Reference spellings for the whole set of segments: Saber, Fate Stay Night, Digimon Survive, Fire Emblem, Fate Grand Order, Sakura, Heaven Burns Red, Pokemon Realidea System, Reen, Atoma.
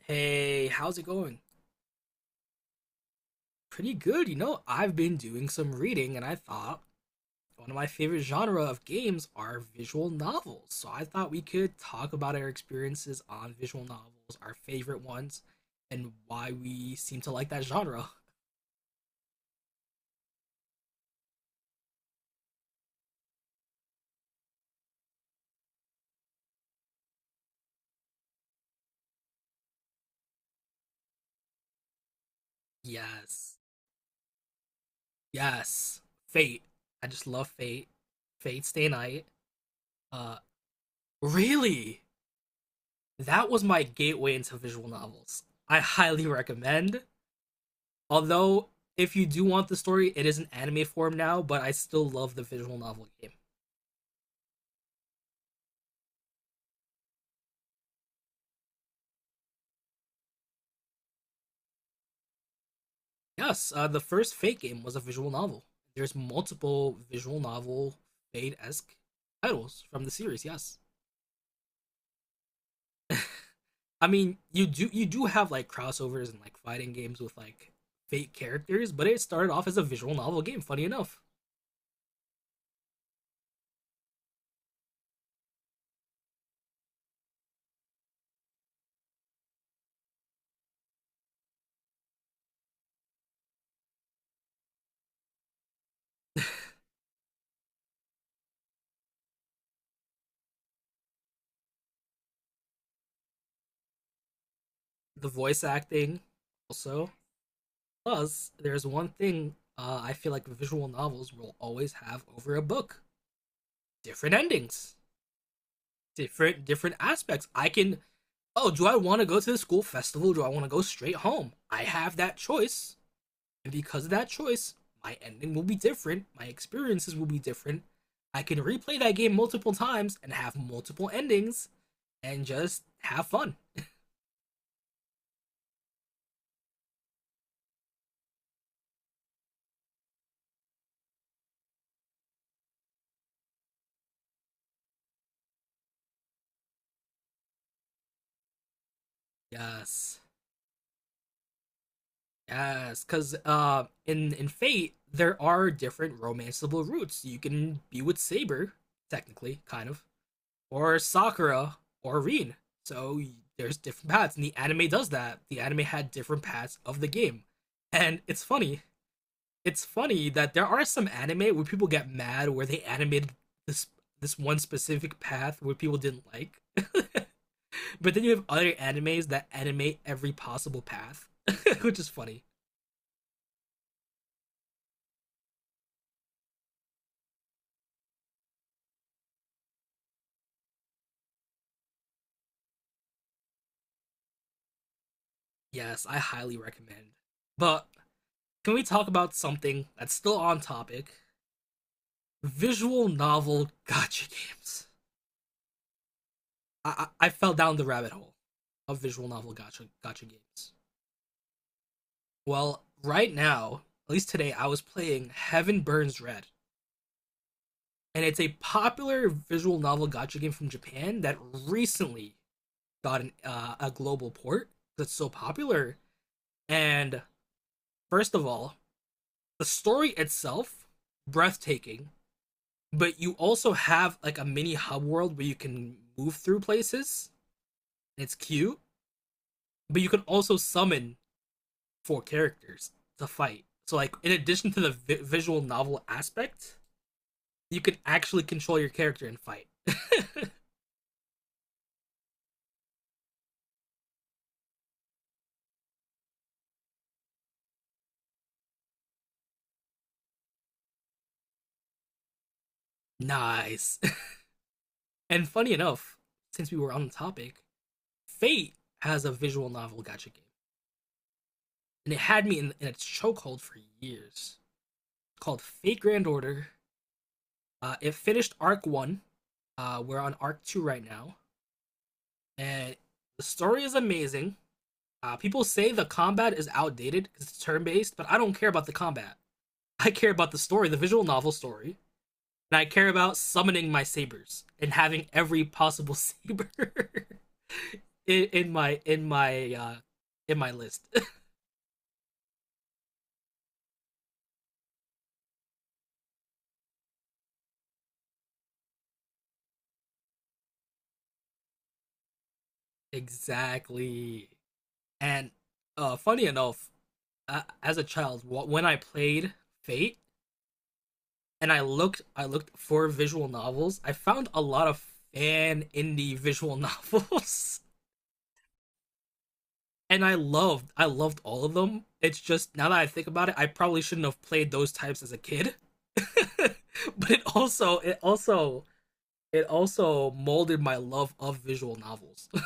Hey, how's it going? Pretty good, you know. I've been doing some reading and I thought one of my favorite genre of games are visual novels. So I thought we could talk about our experiences on visual novels, our favorite ones, and why we seem to like that genre. Yes. Yes. Fate. I just love Fate. Fate Stay Night. Uh Really? That was my gateway into visual novels. I highly recommend. Although, if you do want the story, it is an anime form now, but I still love the visual novel game. Yes, the first Fate game was a visual novel. There's multiple visual novel Fate esque titles from the series. Yes, I mean you do have like crossovers and like fighting games with like Fate characters, but it started off as a visual novel game. Funny enough, the voice acting also. Plus, there's one thing I feel like visual novels will always have over a book: different endings. Different aspects. I can— oh, do I want to go to the school festival? Do I want to go straight home? I have that choice, and because of that choice, my ending will be different. My experiences will be different. I can replay that game multiple times and have multiple endings and just have fun. Yes. Yes, because in Fate there are different romanceable routes. You can be with Saber, technically, kind of. Or Sakura or Reen. So there's different paths, and the anime does that. The anime had different paths of the game, and it's funny. It's funny that there are some anime where people get mad where they animated this this one specific path where people didn't like, but then you have other animes that animate every possible path, which is funny. Yes, I highly recommend. But can we talk about something that's still on topic? Visual novel gotcha games. I fell down the rabbit hole of visual novel gotcha games. Well, right now, at least today, I was playing Heaven Burns Red, and it's a popular visual novel gotcha game from Japan that recently got a global port that's so popular. And first of all, the story itself breathtaking, but you also have like a mini hub world where you can move through places. It's cute, but you can also summon four characters to fight. So like in addition to the visual novel aspect, you can actually control your character and fight. Nice. And funny enough, since we were on the topic, Fate has a visual novel gacha game, and it had me in its chokehold for years. Called Fate Grand Order. It finished arc one. We're on arc two right now, and the story is amazing. People say the combat is outdated because it's turn based, but I don't care about the combat. I care about the story, the visual novel story, and I care about summoning my sabers and having every possible saber in, in my in my uh in my list. Exactly. And funny enough, as a child, when I played Fate and I looked for visual novels, I found a lot of fan indie visual novels. And I loved all of them. It's just now that I think about it, I probably shouldn't have played those types as a kid. But it also molded my love of visual novels.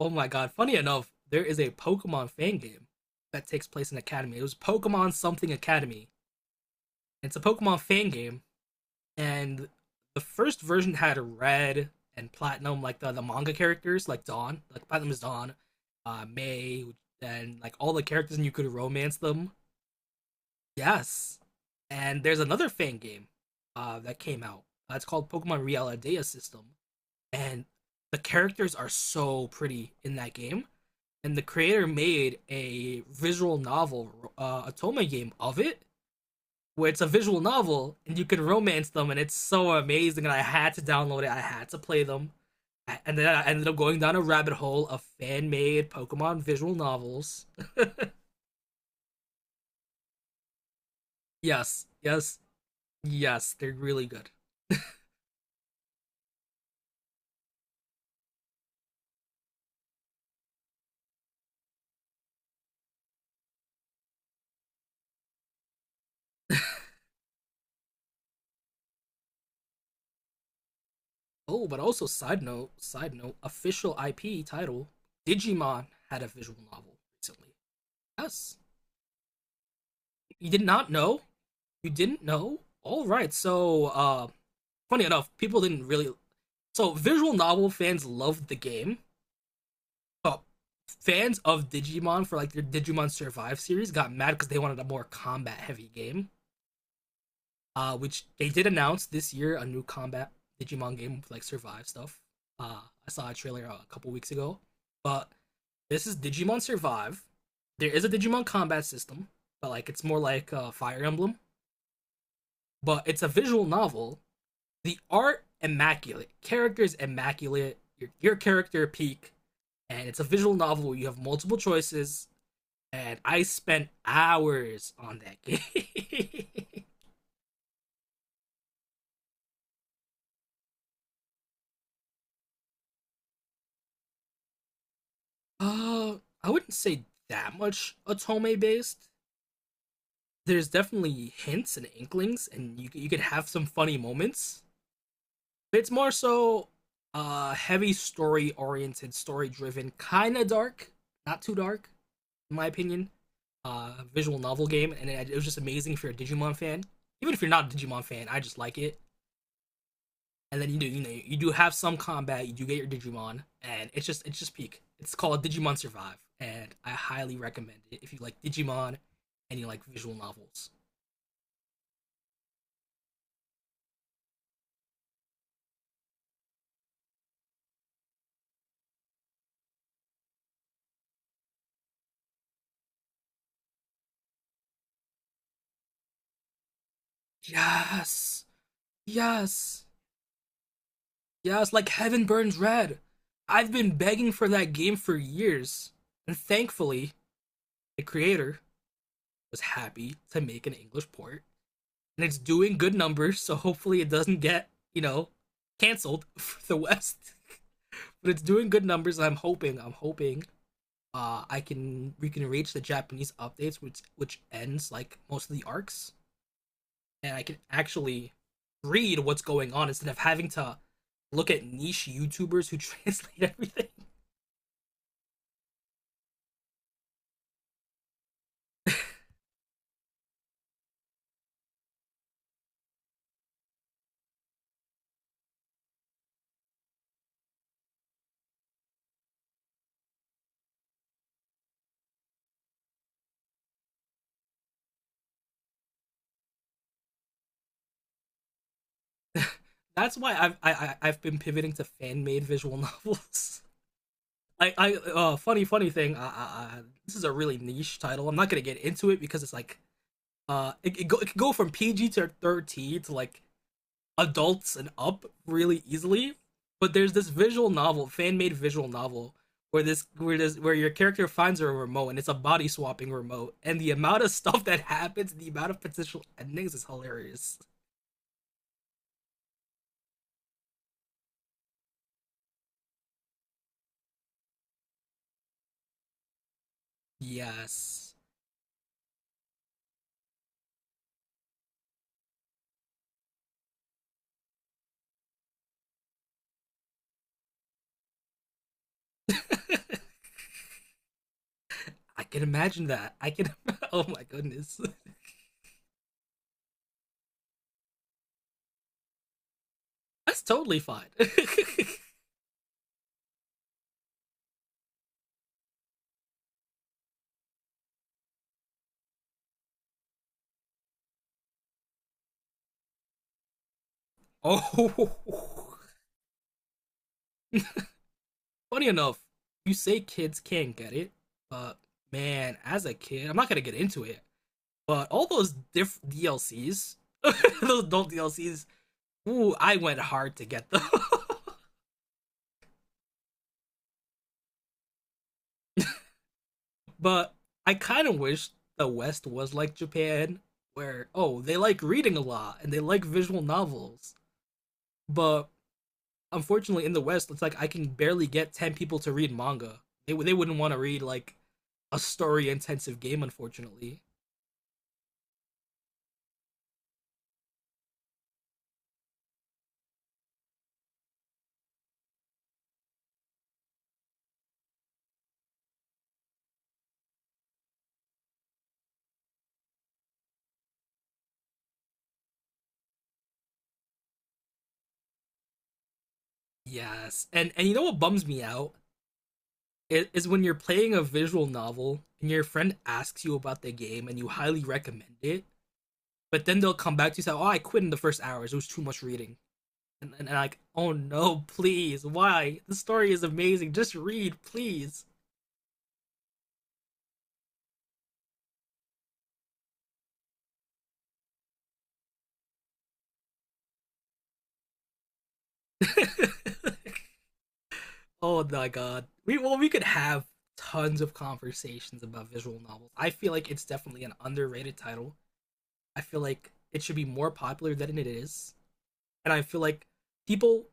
Oh my god, funny enough, there is a Pokemon fan game that takes place in Academy. It was Pokemon something Academy. It's a Pokemon fan game, and the first version had red and platinum, like the manga characters, like Dawn, like platinum is Dawn, May, and like all the characters, and you could romance them. Yes, and there's another fan game that came out. It's called Pokemon Realidea System, and the characters are so pretty in that game. And the creator made a visual novel, Atoma game of it, where it's a visual novel and you can romance them, and it's so amazing. And I had to download it. I had to play them, and then I ended up going down a rabbit hole of fan made Pokemon visual novels. Yes, yes, yes, they're really good. Oh, but also side note, official IP title, Digimon had a visual novel recently. Yes. You did not know? You didn't know? Alright, so funny enough, people didn't really— so visual novel fans loved the game. Oh, fans of Digimon for like their Digimon Survive series got mad because they wanted a more combat heavy game. Which they did announce this year a new combat Digimon game with like Survive stuff. Uh, I saw a trailer a couple weeks ago, but this is Digimon Survive. There is a Digimon combat system, but like it's more like a Fire Emblem. But it's a visual novel. The art immaculate, characters immaculate. Your character peak, and it's a visual novel. You have multiple choices and I spent hours on that game. uh, I wouldn't say that much Otome based. There's definitely hints and inklings, and you could have some funny moments. But it's more so heavy story oriented, story driven, kind of dark, not too dark in my opinion. Visual novel game, and it was just amazing if you're a Digimon fan. Even if you're not a Digimon fan, I just like it. And then you do have some combat. You do get your Digimon, and it's just peak. It's called Digimon Survive, and I highly recommend it if you like Digimon and you like visual novels. Yes, yes, yes. Like Heaven Burns Red. I've been begging for that game for years, and thankfully the creator was happy to make an English port, and it's doing good numbers. So hopefully it doesn't get, you know, canceled for the West. But it's doing good numbers. I'm hoping I can— we can reach the Japanese updates, which ends like most of the arcs, and I can actually read what's going on instead of having to look at niche YouTubers who translate everything. That's why I have been pivoting to fan made visual novels. I funny thing. This is a really niche title. I'm not gonna get into it because it's like it can go from PG to 13 to like adults and up really easily. But there's this visual novel, fan made visual novel, where this where this where your character finds a remote and it's a body swapping remote, and the amount of stuff that happens, the amount of potential endings is hilarious. Yes. I can imagine that. I can. Oh my goodness. That's totally fine. Oh. Funny enough, you say kids can't get it, but man, as a kid, I'm not gonna get into it. But all those diff DLCs, those adult DLCs, ooh, I went hard to get them. But I kind of wish the West was like Japan, where oh, they like reading a lot and they like visual novels. But unfortunately, in the West, it's like I can barely get ten people to read manga. They wouldn't want to read like a story intensive game, unfortunately. Yes, and you know what bums me out is, when you're playing a visual novel and your friend asks you about the game and you highly recommend it, but then they'll come back to you and say, "Oh, I quit in the first hours. It was too much reading." And, like, "Oh no, please, why? The story is amazing. Just read, please." Oh my god. We— well, we could have tons of conversations about visual novels. I feel like it's definitely an underrated title. I feel like it should be more popular than it is. And I feel like people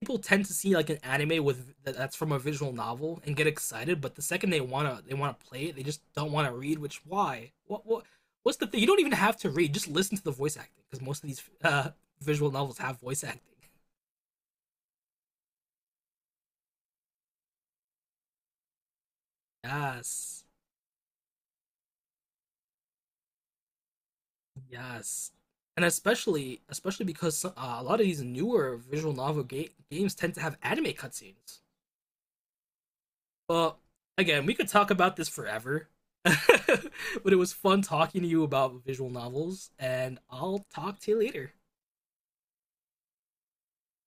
people tend to see like an anime with that's from a visual novel and get excited, but the second they wanna play it, they just don't wanna read. Which why? What's the thing? You don't even have to read. Just listen to the voice acting because most of these visual novels have voice acting. Yes, yes, and especially because a lot of these newer visual novel games tend to have anime cutscenes. Well, again, we could talk about this forever, but it was fun talking to you about visual novels, and I'll talk to you later.